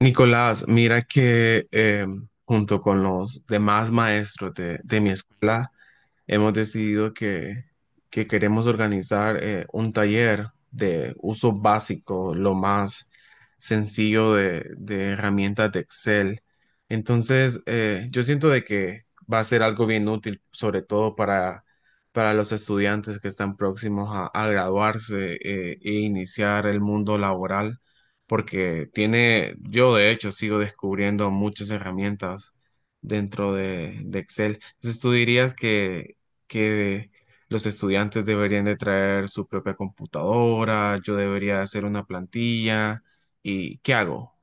Nicolás, mira que junto con los demás maestros de mi escuela hemos decidido que queremos organizar un taller de uso básico, lo más sencillo de herramientas de Excel. Entonces, yo siento de que va a ser algo bien útil, sobre todo para los estudiantes que están próximos a graduarse e iniciar el mundo laboral porque tiene, yo de hecho sigo descubriendo muchas herramientas dentro de Excel. Entonces, ¿tú dirías que los estudiantes deberían de traer su propia computadora? ¿Yo debería hacer una plantilla? ¿Y qué hago?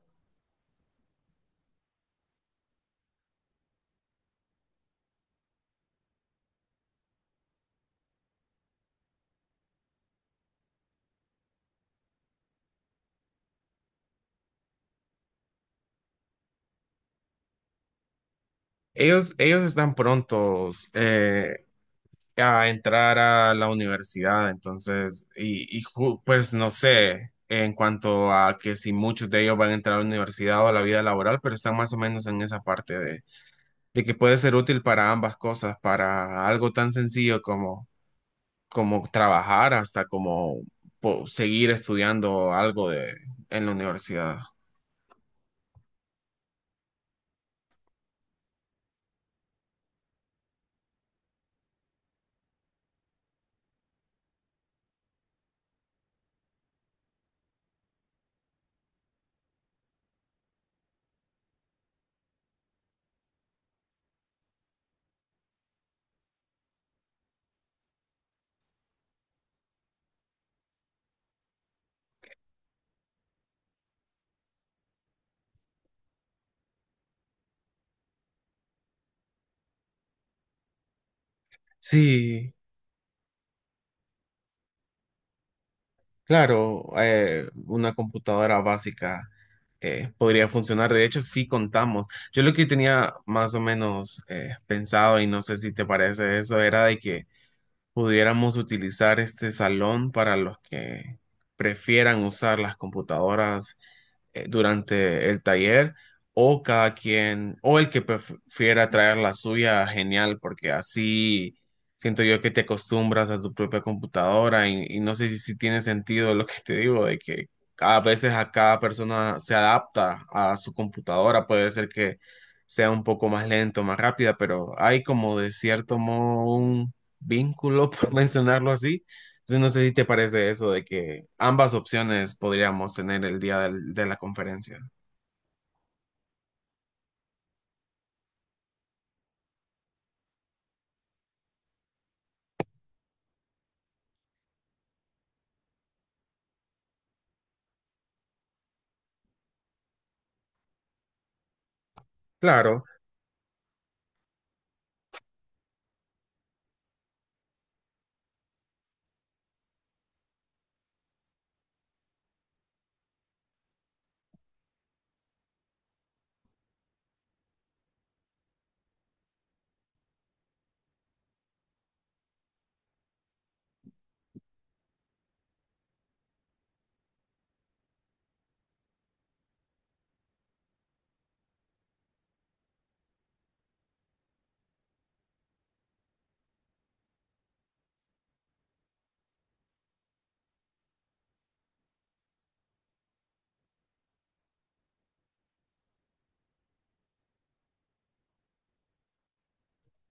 Ellos están prontos. A entrar a la universidad, entonces, pues no sé en cuanto a que si muchos de ellos van a entrar a la universidad o a la vida laboral, pero están más o menos en esa parte de que puede ser útil para ambas cosas, para algo tan sencillo como trabajar hasta como seguir estudiando algo en la universidad. Sí. Claro, una computadora básica podría funcionar. De hecho, sí contamos. Yo lo que tenía más o menos pensado, y no sé si te parece eso, era de que pudiéramos utilizar este salón para los que prefieran usar las computadoras durante el taller, o cada quien, o el que prefiera traer la suya, genial, porque así siento yo que te acostumbras a tu propia computadora y no sé si tiene sentido lo que te digo, de que a veces a cada persona se adapta a su computadora, puede ser que sea un poco más lento, más rápida, pero hay como de cierto modo un vínculo, por mencionarlo así. Entonces, no sé si te parece eso de que ambas opciones podríamos tener el día de la conferencia. Claro,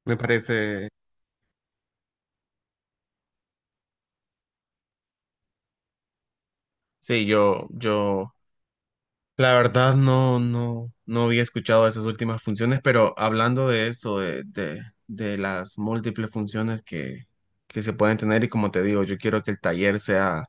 me parece. Sí, yo, la verdad no había escuchado esas últimas funciones, pero hablando de eso, de las múltiples funciones que se pueden tener y, como te digo, yo quiero que el taller sea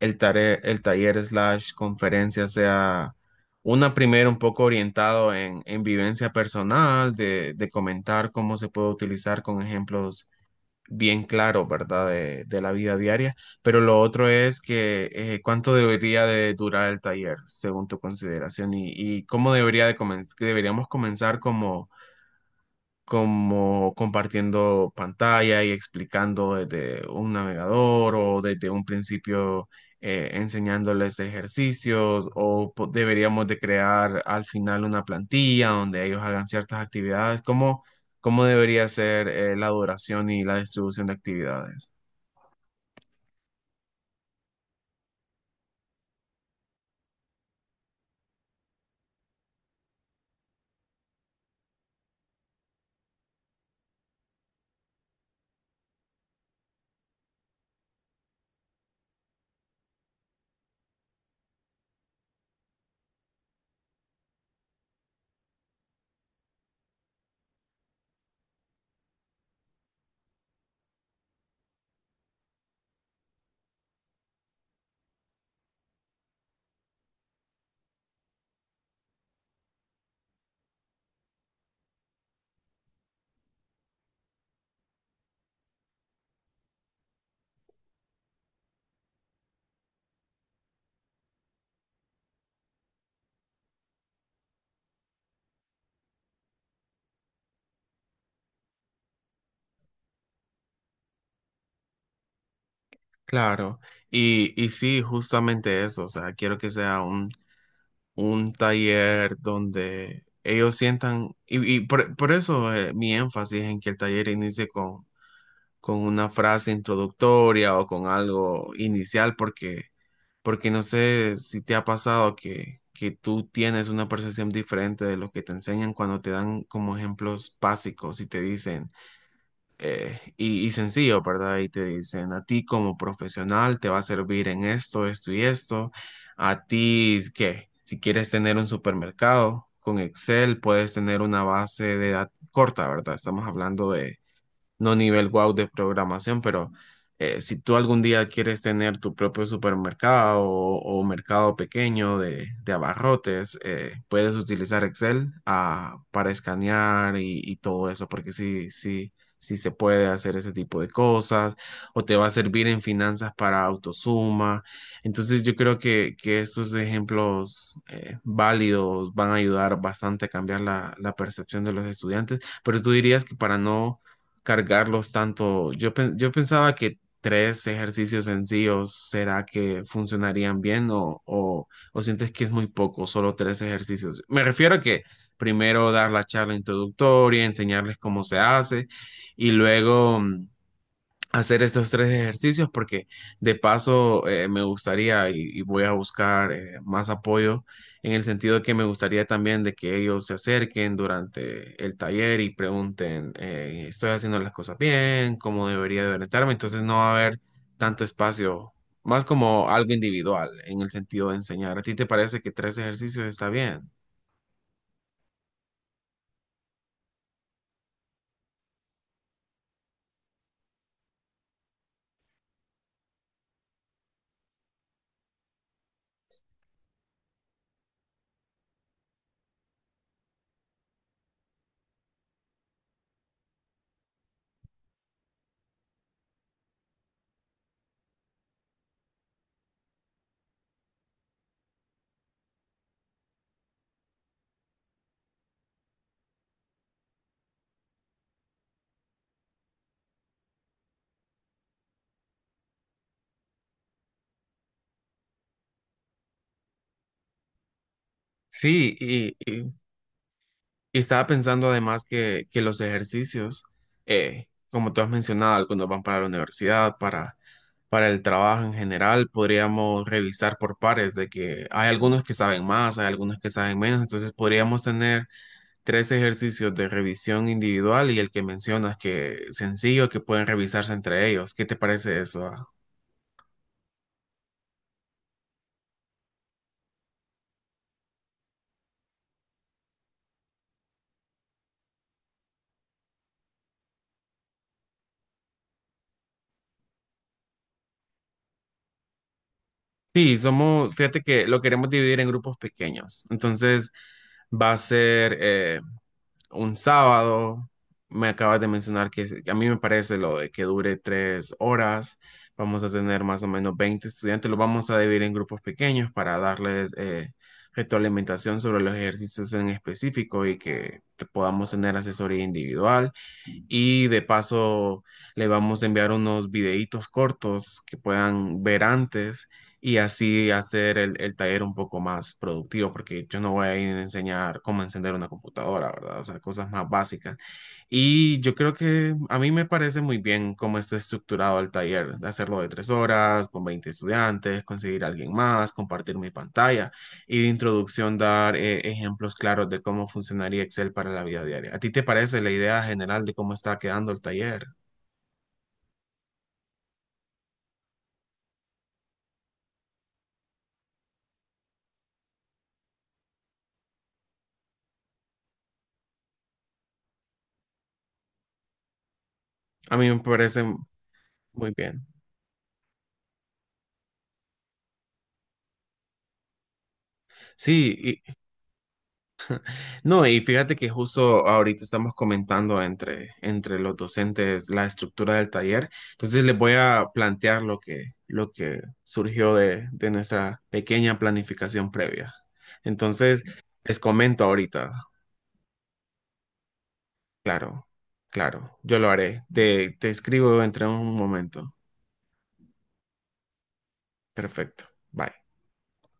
el taller slash conferencia, sea una primera un poco orientado en vivencia personal, de comentar cómo se puede utilizar con ejemplos bien claros, ¿verdad? De la vida diaria. Pero lo otro es que cuánto debería de durar el taller, según tu consideración, y cómo debería de que deberíamos comenzar, como compartiendo pantalla y explicando desde un navegador o desde un principio, enseñándoles ejercicios o deberíamos de crear al final una plantilla donde ellos hagan ciertas actividades. Cómo debería ser la duración y la distribución de actividades? Claro, y sí, justamente eso, o sea, quiero que sea un taller donde ellos sientan, y por eso mi énfasis en que el taller inicie con una frase introductoria o con algo inicial, porque no sé si te ha pasado que tú tienes una percepción diferente de lo que te enseñan cuando te dan como ejemplos básicos y te dicen sencillo, ¿verdad? Y te dicen, a ti como profesional te va a servir en esto, esto y esto. A ti, ¿qué? Si quieres tener un supermercado con Excel, puedes tener una base de datos corta, ¿verdad? Estamos hablando de no nivel wow de programación, pero si tú algún día quieres tener tu propio supermercado o mercado pequeño de abarrotes, puedes utilizar Excel, para escanear y todo eso, porque sí, sí, sí se puede hacer ese tipo de cosas, o te va a servir en finanzas para autosuma. Entonces yo creo que estos ejemplos válidos van a ayudar bastante a cambiar la, la percepción de los estudiantes, pero tú dirías que para no cargarlos tanto. Yo pensaba que tres ejercicios sencillos, ¿será que funcionarían bien, o sientes que es muy poco, solo tres ejercicios? Me refiero a que primero dar la charla introductoria, enseñarles cómo se hace y luego... mm, hacer estos tres ejercicios, porque de paso me gustaría, y voy a buscar más apoyo en el sentido de que me gustaría también de que ellos se acerquen durante el taller y pregunten, ¿estoy haciendo las cosas bien? ¿Cómo debería de orientarme? Entonces no va a haber tanto espacio, más como algo individual en el sentido de enseñar. ¿A ti te parece que tres ejercicios está bien? Sí, y estaba pensando además que los ejercicios, eh, como tú has mencionado, algunos van para la universidad, para el trabajo en general, podríamos revisar por pares de que hay algunos que saben más, hay algunos que saben menos, entonces podríamos tener tres ejercicios de revisión individual y el que mencionas que sencillo, que pueden revisarse entre ellos. ¿Qué te parece eso? ¿Ah? Sí, somos, fíjate que lo queremos dividir en grupos pequeños. Entonces va a ser, un sábado. Me acabas de mencionar que a mí me parece lo de que dure 3 horas. Vamos a tener más o menos 20 estudiantes. Los vamos a dividir en grupos pequeños para darles retroalimentación sobre los ejercicios en específico y que podamos tener asesoría individual. Y de paso le vamos a enviar unos videitos cortos que puedan ver antes y así hacer el taller un poco más productivo, porque yo no voy a ir a enseñar cómo encender una computadora, ¿verdad? O sea, cosas más básicas. Y yo creo que a mí me parece muy bien cómo está estructurado el taller, de hacerlo de 3 horas, con 20 estudiantes, conseguir a alguien más, compartir mi pantalla y de introducción dar ejemplos claros de cómo funcionaría Excel para la vida diaria. ¿A ti te parece la idea general de cómo está quedando el taller? A mí me parece muy bien. Sí. No, y fíjate que justo ahorita estamos comentando entre los docentes la estructura del taller. Entonces les voy a plantear lo que surgió de nuestra pequeña planificación previa. Entonces, les comento ahorita. Claro, claro, yo lo haré. Te escribo entre un momento. Perfecto. Bye.